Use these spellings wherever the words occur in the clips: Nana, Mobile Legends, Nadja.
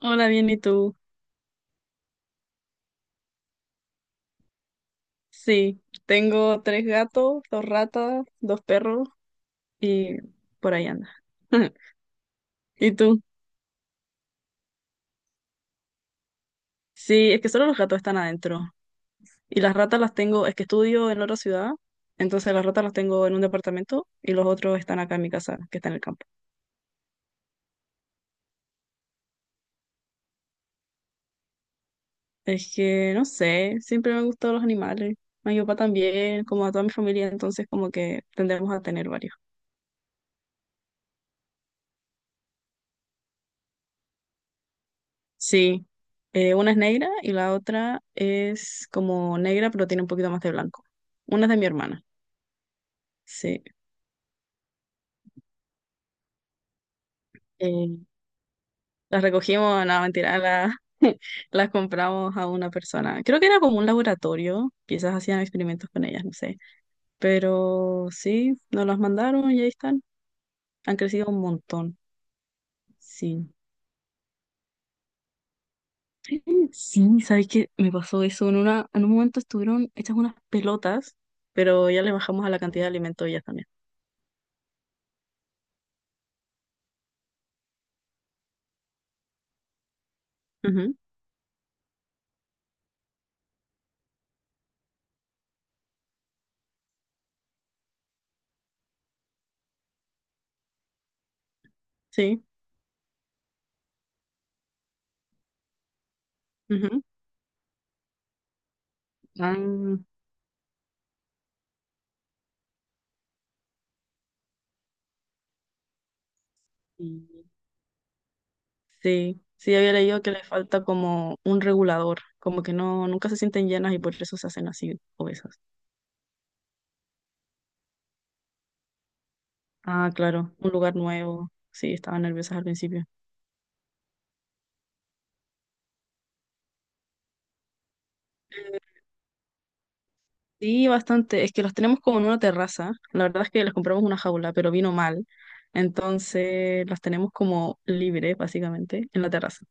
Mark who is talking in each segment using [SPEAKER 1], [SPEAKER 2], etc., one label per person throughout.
[SPEAKER 1] Hola, bien, ¿y tú? Sí, tengo tres gatos, dos ratas, dos perros y por ahí anda. ¿Y tú? Sí, es que solo los gatos están adentro. Y las ratas las tengo, es que estudio en otra ciudad, entonces las ratas las tengo en un departamento y los otros están acá en mi casa, que está en el campo. Es que no sé, siempre me han gustado los animales. A mi papá también, como a toda mi familia, entonces como que tendremos a tener varios. Sí, una es negra y la otra es como negra, pero tiene un poquito más de blanco. Una es de mi hermana, sí. Eh, las recogimos, no, mentira, las compramos a una persona. Creo que era como un laboratorio, quizás hacían experimentos con ellas, no sé. Pero sí, nos las mandaron y ahí están. Han crecido un montón, sí. Sí, ¿sabes qué? Me pasó eso. En un momento estuvieron hechas unas pelotas, pero ya le bajamos a la cantidad de alimento ellas también. Ujú. Sí. Ujú. Ah, sí, sí, sí, había leído que le falta como un regulador, como que no, nunca se sienten llenas y por eso se hacen así obesas. Ah, claro, un lugar nuevo. Sí, estaban nerviosas al principio. Sí, bastante. Es que los tenemos como en una terraza. La verdad es que les compramos una jaula, pero vino mal. Entonces las tenemos como libres, básicamente, en la terraza.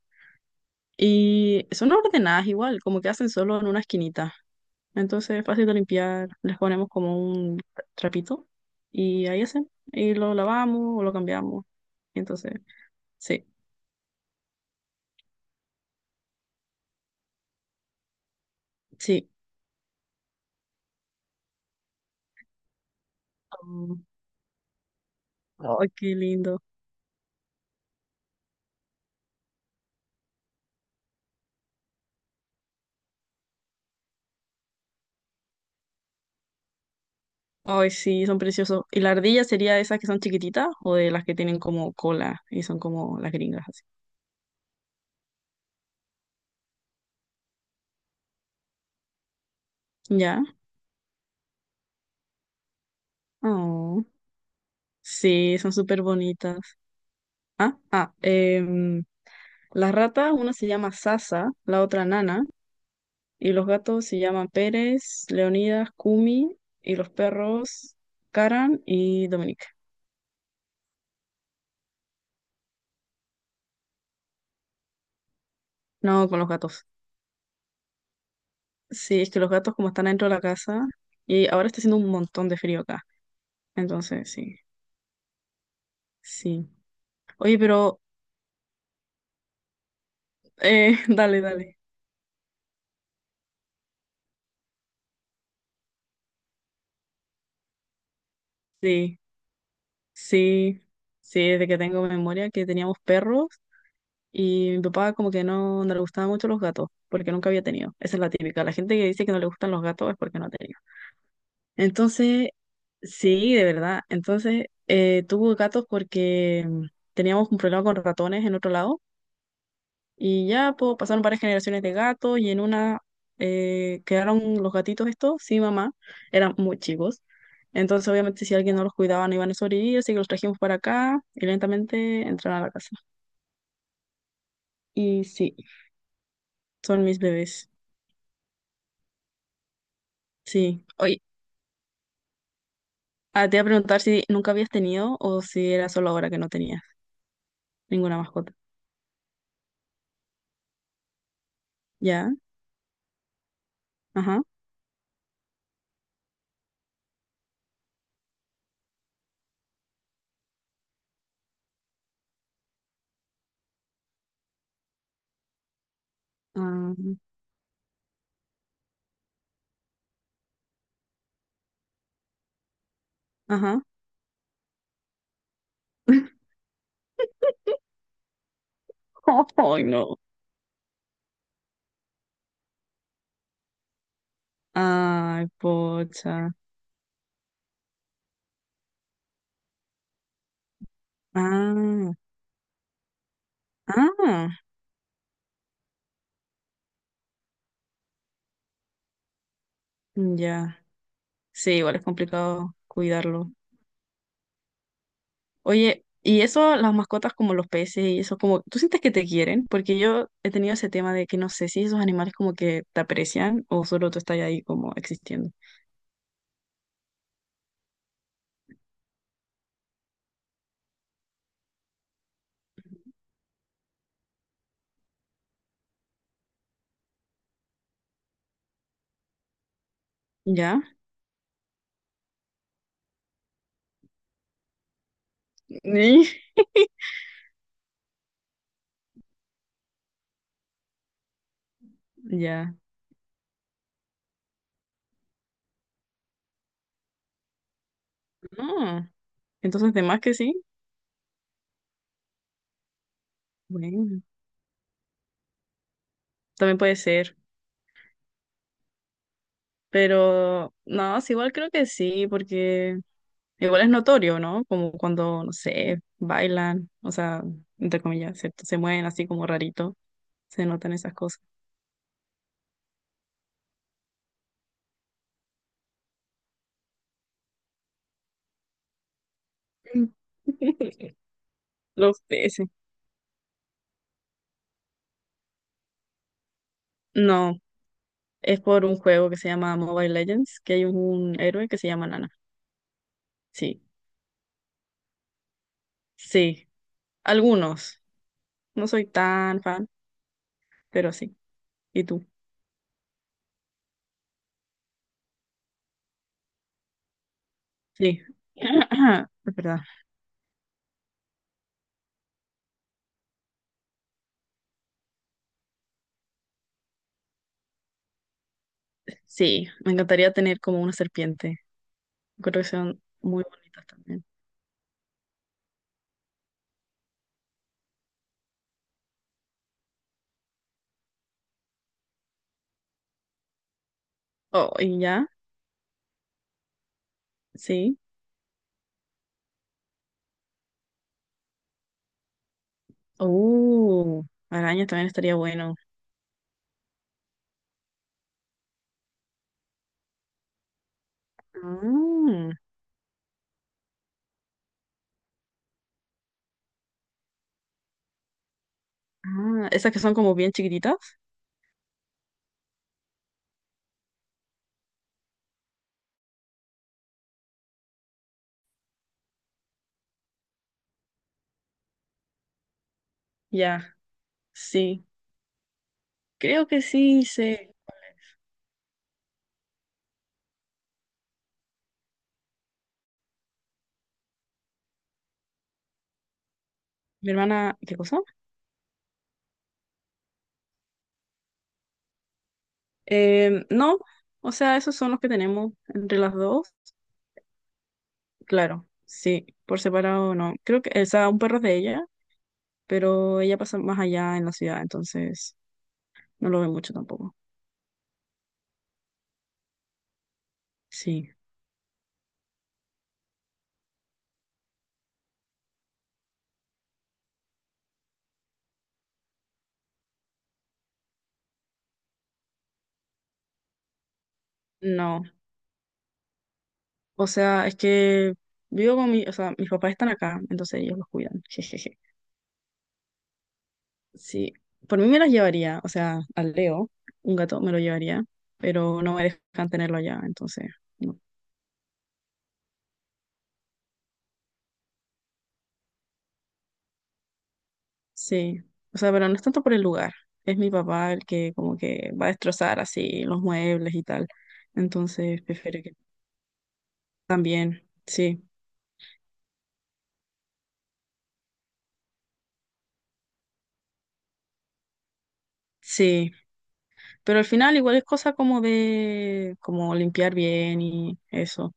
[SPEAKER 1] Y son ordenadas igual, como que hacen solo en una esquinita. Entonces es fácil de limpiar, les ponemos como un trapito y ahí hacen. Y lo lavamos o lo cambiamos. Entonces, sí, sí. Oh, ay, qué lindo. Ay, sí, son preciosos. ¿Y la ardilla sería de esas que son chiquititas o de las que tienen como cola y son como las gringas así? ¿Ya? Oh, sí, son súper bonitas. Ah, ah, em, las ratas, una se llama Sasa, la otra Nana. Y los gatos se llaman Pérez, Leonidas, Kumi, y los perros Karan y Dominique. No, con los gatos. Sí, es que los gatos como están dentro de la casa y ahora está haciendo un montón de frío acá. Entonces, sí, sí. Oye, pero, dale, dale. Sí, sí, sí, desde que tengo memoria que teníamos perros y mi papá como que no, no le gustaban mucho los gatos porque nunca había tenido. Esa es la típica. La gente que dice que no le gustan los gatos es porque no ha tenido. Entonces, sí, de verdad. Entonces, tuvo gatos porque teníamos un problema con ratones en otro lado y ya pues, pasaron varias generaciones de gatos y en una quedaron los gatitos estos, sí, mamá, eran muy chicos. Entonces, obviamente, si alguien no los cuidaba, no iban a sobrevivir, así que los trajimos para acá y lentamente entraron a la casa. Y sí, son mis bebés. Sí. Oye, ah, te iba a preguntar si nunca habías tenido o si era solo ahora que no tenías ninguna mascota. ¿Ya? Ajá. Ah, ajá. Ay, no. Ay, pocha. Ah, ah, ya. Sí, igual es complicado cuidarlo. Oye, y eso, las mascotas como los peces y eso, como, ¿tú sientes que te quieren? Porque yo he tenido ese tema de que no sé si esos animales como que te aprecian o solo tú estás ahí como existiendo. ¿Ya? Ya. Ah, entonces, de más que sí, bueno, también puede ser. Pero no, sí, igual creo que sí, porque igual es notorio, ¿no? Como cuando, no sé, bailan, o sea, entre comillas, ¿cierto? Se mueven así como rarito, se notan esas cosas. Los peces. No, es por un juego que se llama Mobile Legends, que hay un héroe que se llama Nana. Sí, sí, algunos. No soy tan fan, pero sí. ¿Y tú? Sí. Es verdad. Sí, me encantaría tener como una serpiente. Creo que son muy bonitas también. Oh, y ya, sí. Uh, arañas también estaría bueno. Mm, ah, esas que son como bien chiquititas. Ya, sí. Creo que sí hice. Mi hermana, ¿qué cosa? No, o sea, esos son los que tenemos entre las dos. Claro, sí, por separado no. Creo que, o sea, un perro es de ella, pero ella pasa más allá en la ciudad, entonces no lo ve mucho tampoco. Sí, no. O sea, es que vivo con mi, o sea, mis papás están acá, entonces ellos los cuidan. Sí, por mí me las llevaría, o sea, al Leo, un gato me lo llevaría, pero no me dejan tenerlo allá, entonces, no. Sí, o sea, pero no es tanto por el lugar, es mi papá el que como que va a destrozar así los muebles y tal, entonces prefiero que también, sí, sí, pero al final igual es cosa como de, como limpiar bien y eso,